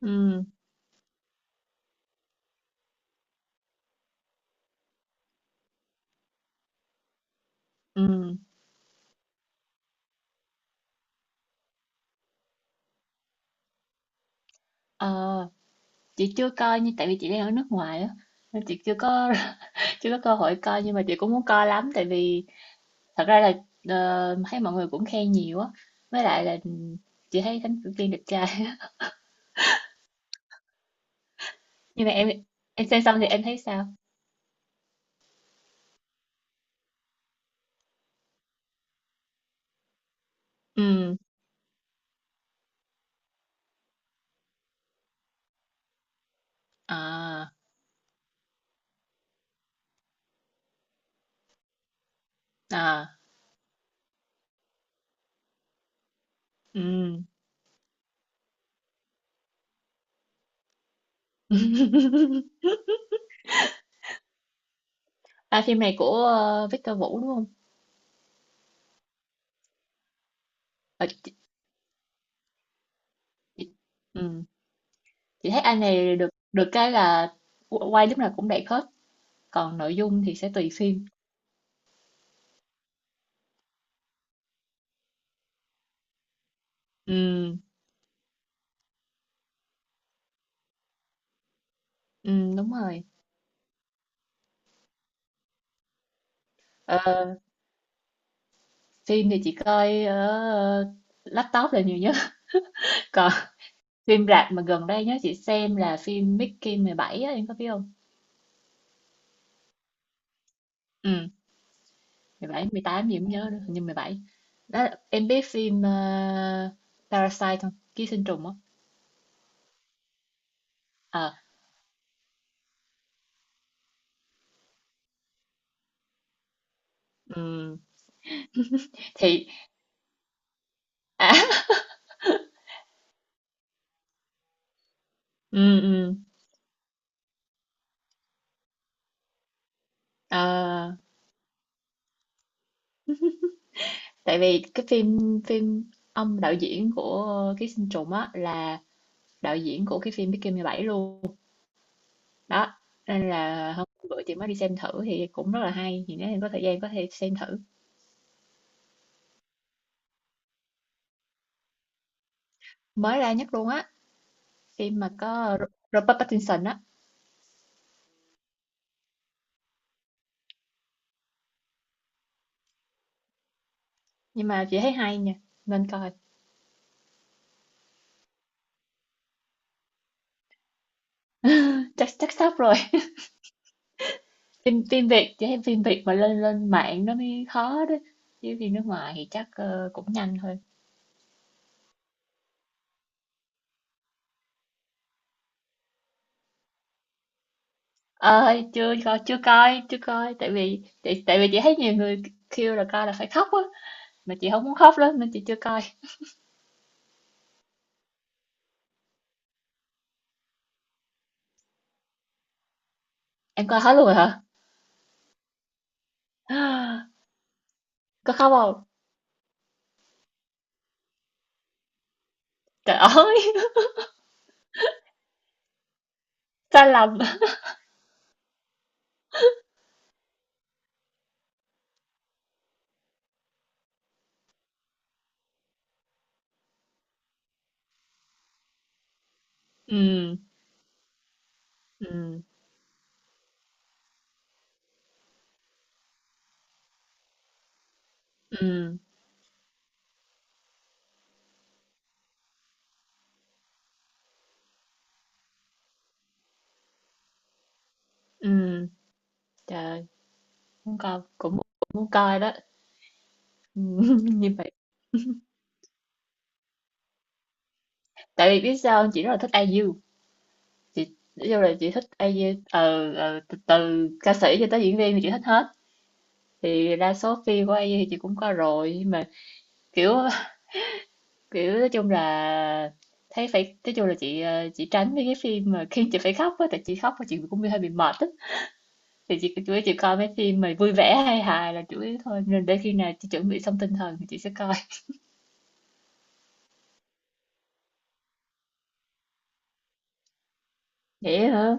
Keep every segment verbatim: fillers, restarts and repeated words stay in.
Ừ, ừ. Ờ, chị chưa coi nhưng tại vì chị đang ở nước ngoài á, nên chị chưa có chưa có cơ hội coi, nhưng mà chị cũng muốn coi lắm. Tại vì thật ra là ờ, thấy mọi người cũng khen nhiều á, với lại là chị thấy Thánh Tử Kiên đẹp trai á. nhưng mà em em xem xong thì em thấy sao? Ừ, à, à, ừ. À, phim này của ờ, Victor Vũ đúng không? Ờ, chị, chị, ừ. chị thấy anh này được được cái là qu- quay lúc nào cũng đẹp hết, còn nội dung thì sẽ tùy phim. Ừ Ừ, đúng rồi. Ờ, phim thì chị coi ở ờ, laptop là nhiều nhất. Còn phim rạp mà gần đây nhớ chị xem là phim Mickey mười bảy á, em có biết không? Ừ, mười bảy mười tám gì cũng nhớ nữa, hình như mười bảy. Đó, là- em biết phim ờ, Parasite không? Ký sinh trùng á. Ờ, ừ. Thì, à, ừ, ừ. Ờ, tại vì cái phim, phim ông đạo diễn của Ký sinh trùng á là đạo diễn của cái phim Mickey mười bảy luôn. Đó, nên là hôm bữa chị mới đi xem thử thì cũng rất là hay, thì nếu em có thời gian có thể xem thử. Mới ra nhất luôn á. Phim mà có Ro- Robert Pattinson á. Nhưng mà chị thấy hay nha, nên coi. Chắc Chắc sắp rồi. phim Phim Việt, chị thấy phim Việt mà lên lên mạng nó mới khó đó, chứ phim nước ngoài thì chắc ờ, cũng nhanh thôi. Ờ, chưa coi chưa coi chưa coi, tại vì tại, tại vì chị thấy nhiều người kêu là coi là phải khóc á, mà chị không muốn khóc lắm nên chị chưa coi. Em coi hết luôn rồi hả? Có khóc không? Trời ơi. Sai lầm. Ừ, ừ, ừ, ừ. Trời, muốn coi, cũng muốn coi đó. Ừ, như vậy. Tại vì biết sao không? Chị rất là thích i u. Chị vô là chị thích i u ờ, ờ, từ, từ ca sĩ cho tới diễn viên thì chị thích hết. Thì đa số phim của i u thì chị cũng coi rồi, nhưng mà kiểu kiểu nói chung là thấy phải nói chung là chị ờ, chị tránh mấy cái phim mà khi chị phải khóc á, tại chị khóc và chị cũng hơi bị mệt á. Thì chị chủ yếu chị coi mấy phim mà vui vẻ hay hài là chủ yếu thôi, nên để khi nào chị chuẩn bị xong tinh thần thì chị sẽ coi. Vậy hả?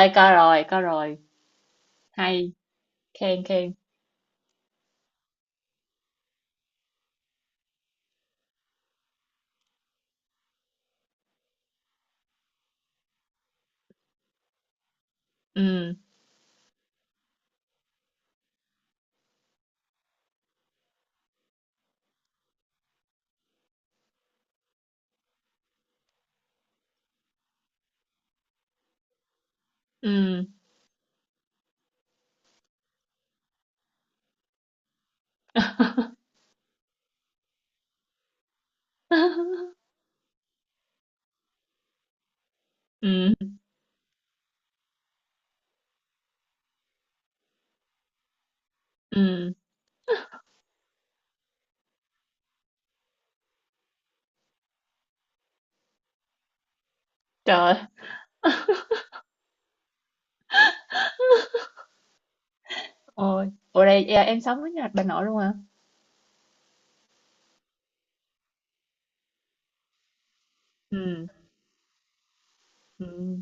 Ê, coi rồi, coi rồi. Hay, khen, khen. Ừ, ừ. Ừ, ừ. Trời ơi. Ủa đây, à, em sống với nhà bà nội luôn hả? Ừ, ừ.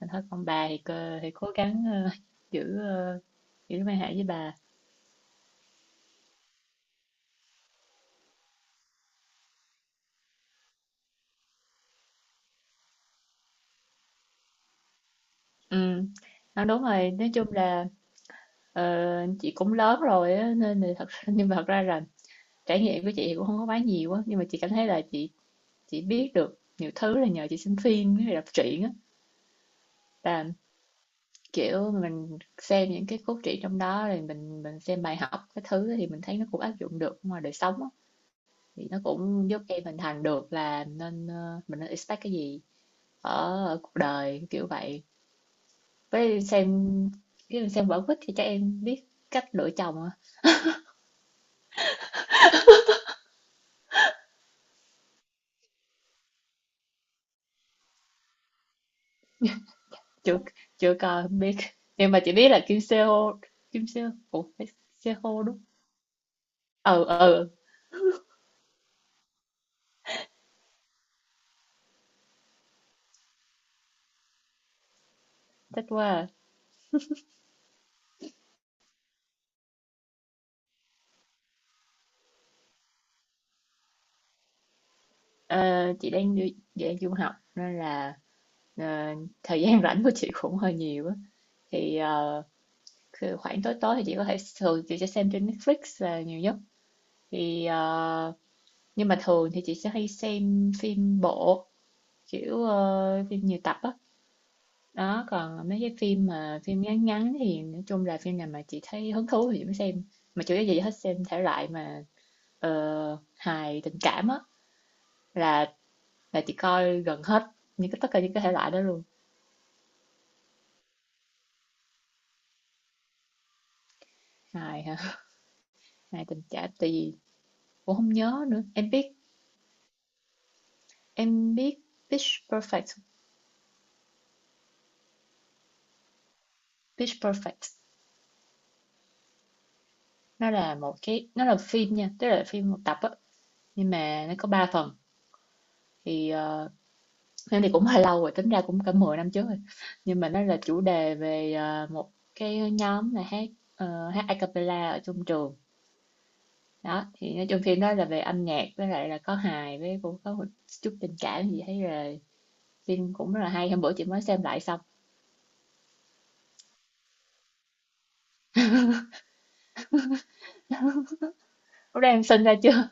Mình thấy con bà thì, cơ- thì cố gắng ờ, giữ ờ, giữ mối hệ với bà. Ừ. Nói đúng rồi, nói chung là ờ, chị cũng lớn rồi á, nên là thật nhưng mà thật ra là trải nghiệm của chị thì cũng không có quá nhiều á, nhưng mà chị cảm thấy là chị chị biết được nhiều thứ là nhờ chị xem phim với đọc truyện á. Kiểu, mình xem những cái cốt truyện trong đó rồi mình mình xem bài học cái thứ thì mình thấy nó cũng áp dụng được ngoài đời sống á. Thì nó cũng giúp em hình thành được là nên, ờ, mình nên expect cái gì ở, ở cuộc đời, kiểu vậy. Với xem cái mình xem vở quýt thì chắc em biết cách lựa chồng à? Chưa Chưa coi không biết. Nhưng mà chỉ biết là Kim Seo Kim Seo. Ủa, phải Seo đúng. Ừ ừ, ừ, thích quá. À. Ờ, chị đang đi- chị đang du học nên là ờ, thời gian rảnh của chị cũng hơi nhiều á, thì ờ, cứ khoảng tối tối thì chị có thể thường chị sẽ xem trên Netflix là nhiều nhất. thì ờ, nhưng mà thường thì chị sẽ hay xem phim bộ, kiểu ờ, phim nhiều tập á. Đó, còn mấy cái phim mà phim ngắn ngắn thì nói chung là phim nào mà chị thấy hứng thú thì chị mới xem, mà chủ yếu gì hết xem thể loại mà ờ, hài tình cảm á, là là chị coi gần hết những cái tất cả những cái thể loại đó luôn. Hài hả? Hài tình cảm, tại vì cũng không nhớ nữa. Em biết, em biết Pitch Perfect? Pitch Perfect nó là một cái, nó là phim nha, tức là phim một tập á, nhưng mà nó có ba phần. Thì ờ, phim thì cũng hơi lâu rồi, tính ra cũng cả mười năm trước rồi, nhưng mà nó là chủ đề về ờ, một cái nhóm là hát ờ, hát a cappella ở trong trường. Đó, thì nói chung phim đó là về âm nhạc với lại là có hài với cũng có một chút tình cảm gì, thấy là phim cũng rất là hay, hôm bữa chị mới xem lại xong. Lúc đó em sinh ra chưa?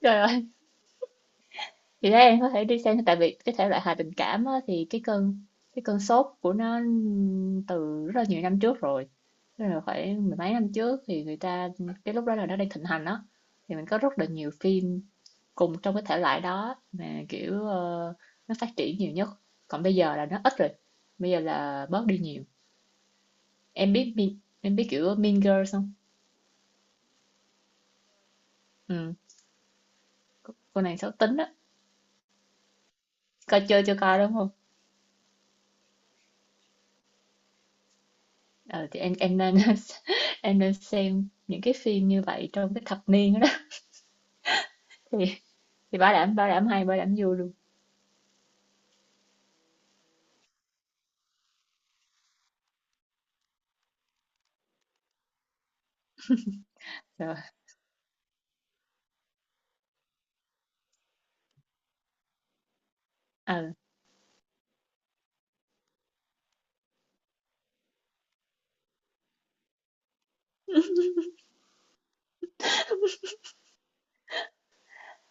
Trời ơi. Thì thế em có thể đi xem, tại vì cái thể loại hài tình cảm á, thì cái cơn cái cơn sốt của nó từ rất là nhiều năm trước rồi, tức là phải mười mấy năm trước thì người ta, cái lúc đó là nó đang thịnh hành á, thì mình có rất là nhiều phim cùng trong cái thể loại đó mà kiểu ờ, nó phát triển nhiều nhất, còn bây giờ là nó ít rồi, bây giờ là bớt đi nhiều. Em biết Mean- em biết kiểu Mean Girls không? Ừ, cô nàng xấu tính á. Coi chơi chưa coi đúng không? Ờ, thì em em nên em nên xem những cái phim như vậy trong cái thập niên đó. Đó. Thì thì bảo đảm bảo đảm hay, bảo đảm vui luôn. Rồi. Ờ,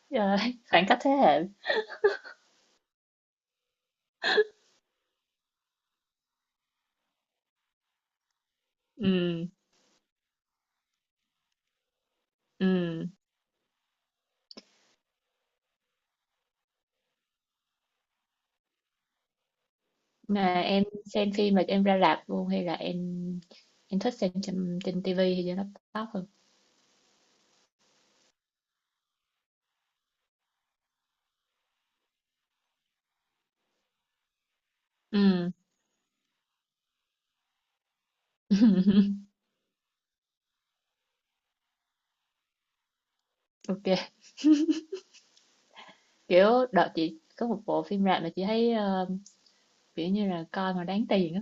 rồi, khoảng cách thế hệ. Ừ, ừ. Mà em xem phim là em ra rạp luôn, hay là em em thích xem trên trên tivi hay trên laptop hơn? Ừ. Ok, kiểu đợt chị có một bộ phim rạp mà chị thấy ờ, kiểu như là coi mà đáng tiền á.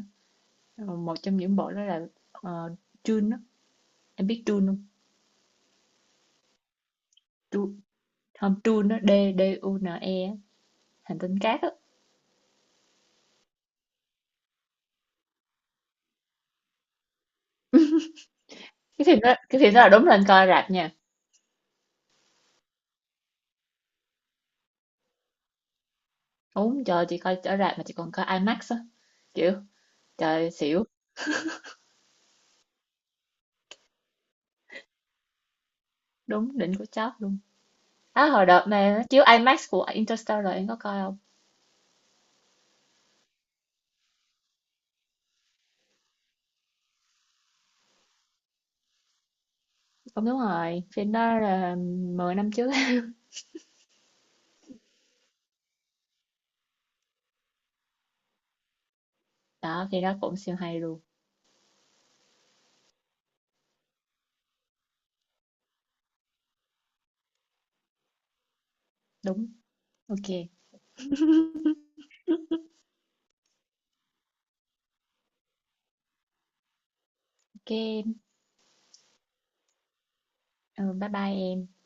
Ờ, một trong những bộ đó là uh, Dune á. Em biết Dune không? Không, Dune nó D D U N E á, hành tinh cát á. Cái phim đó cái phim đó là đúng lên coi rạp nha. Đúng, trời, chị coi ở rạp mà chị còn coi IMAX á, kiểu trời xỉu. Đúng, đỉnh của chót luôn. Á, hồi đợt này nó chiếu IMAX của Interstellar, em có coi không? Không đúng rồi, phim đó là mười năm trước. Đó, phim đó cũng siêu hay luôn. Đúng. Ok, ok. Ừ, bye bye em.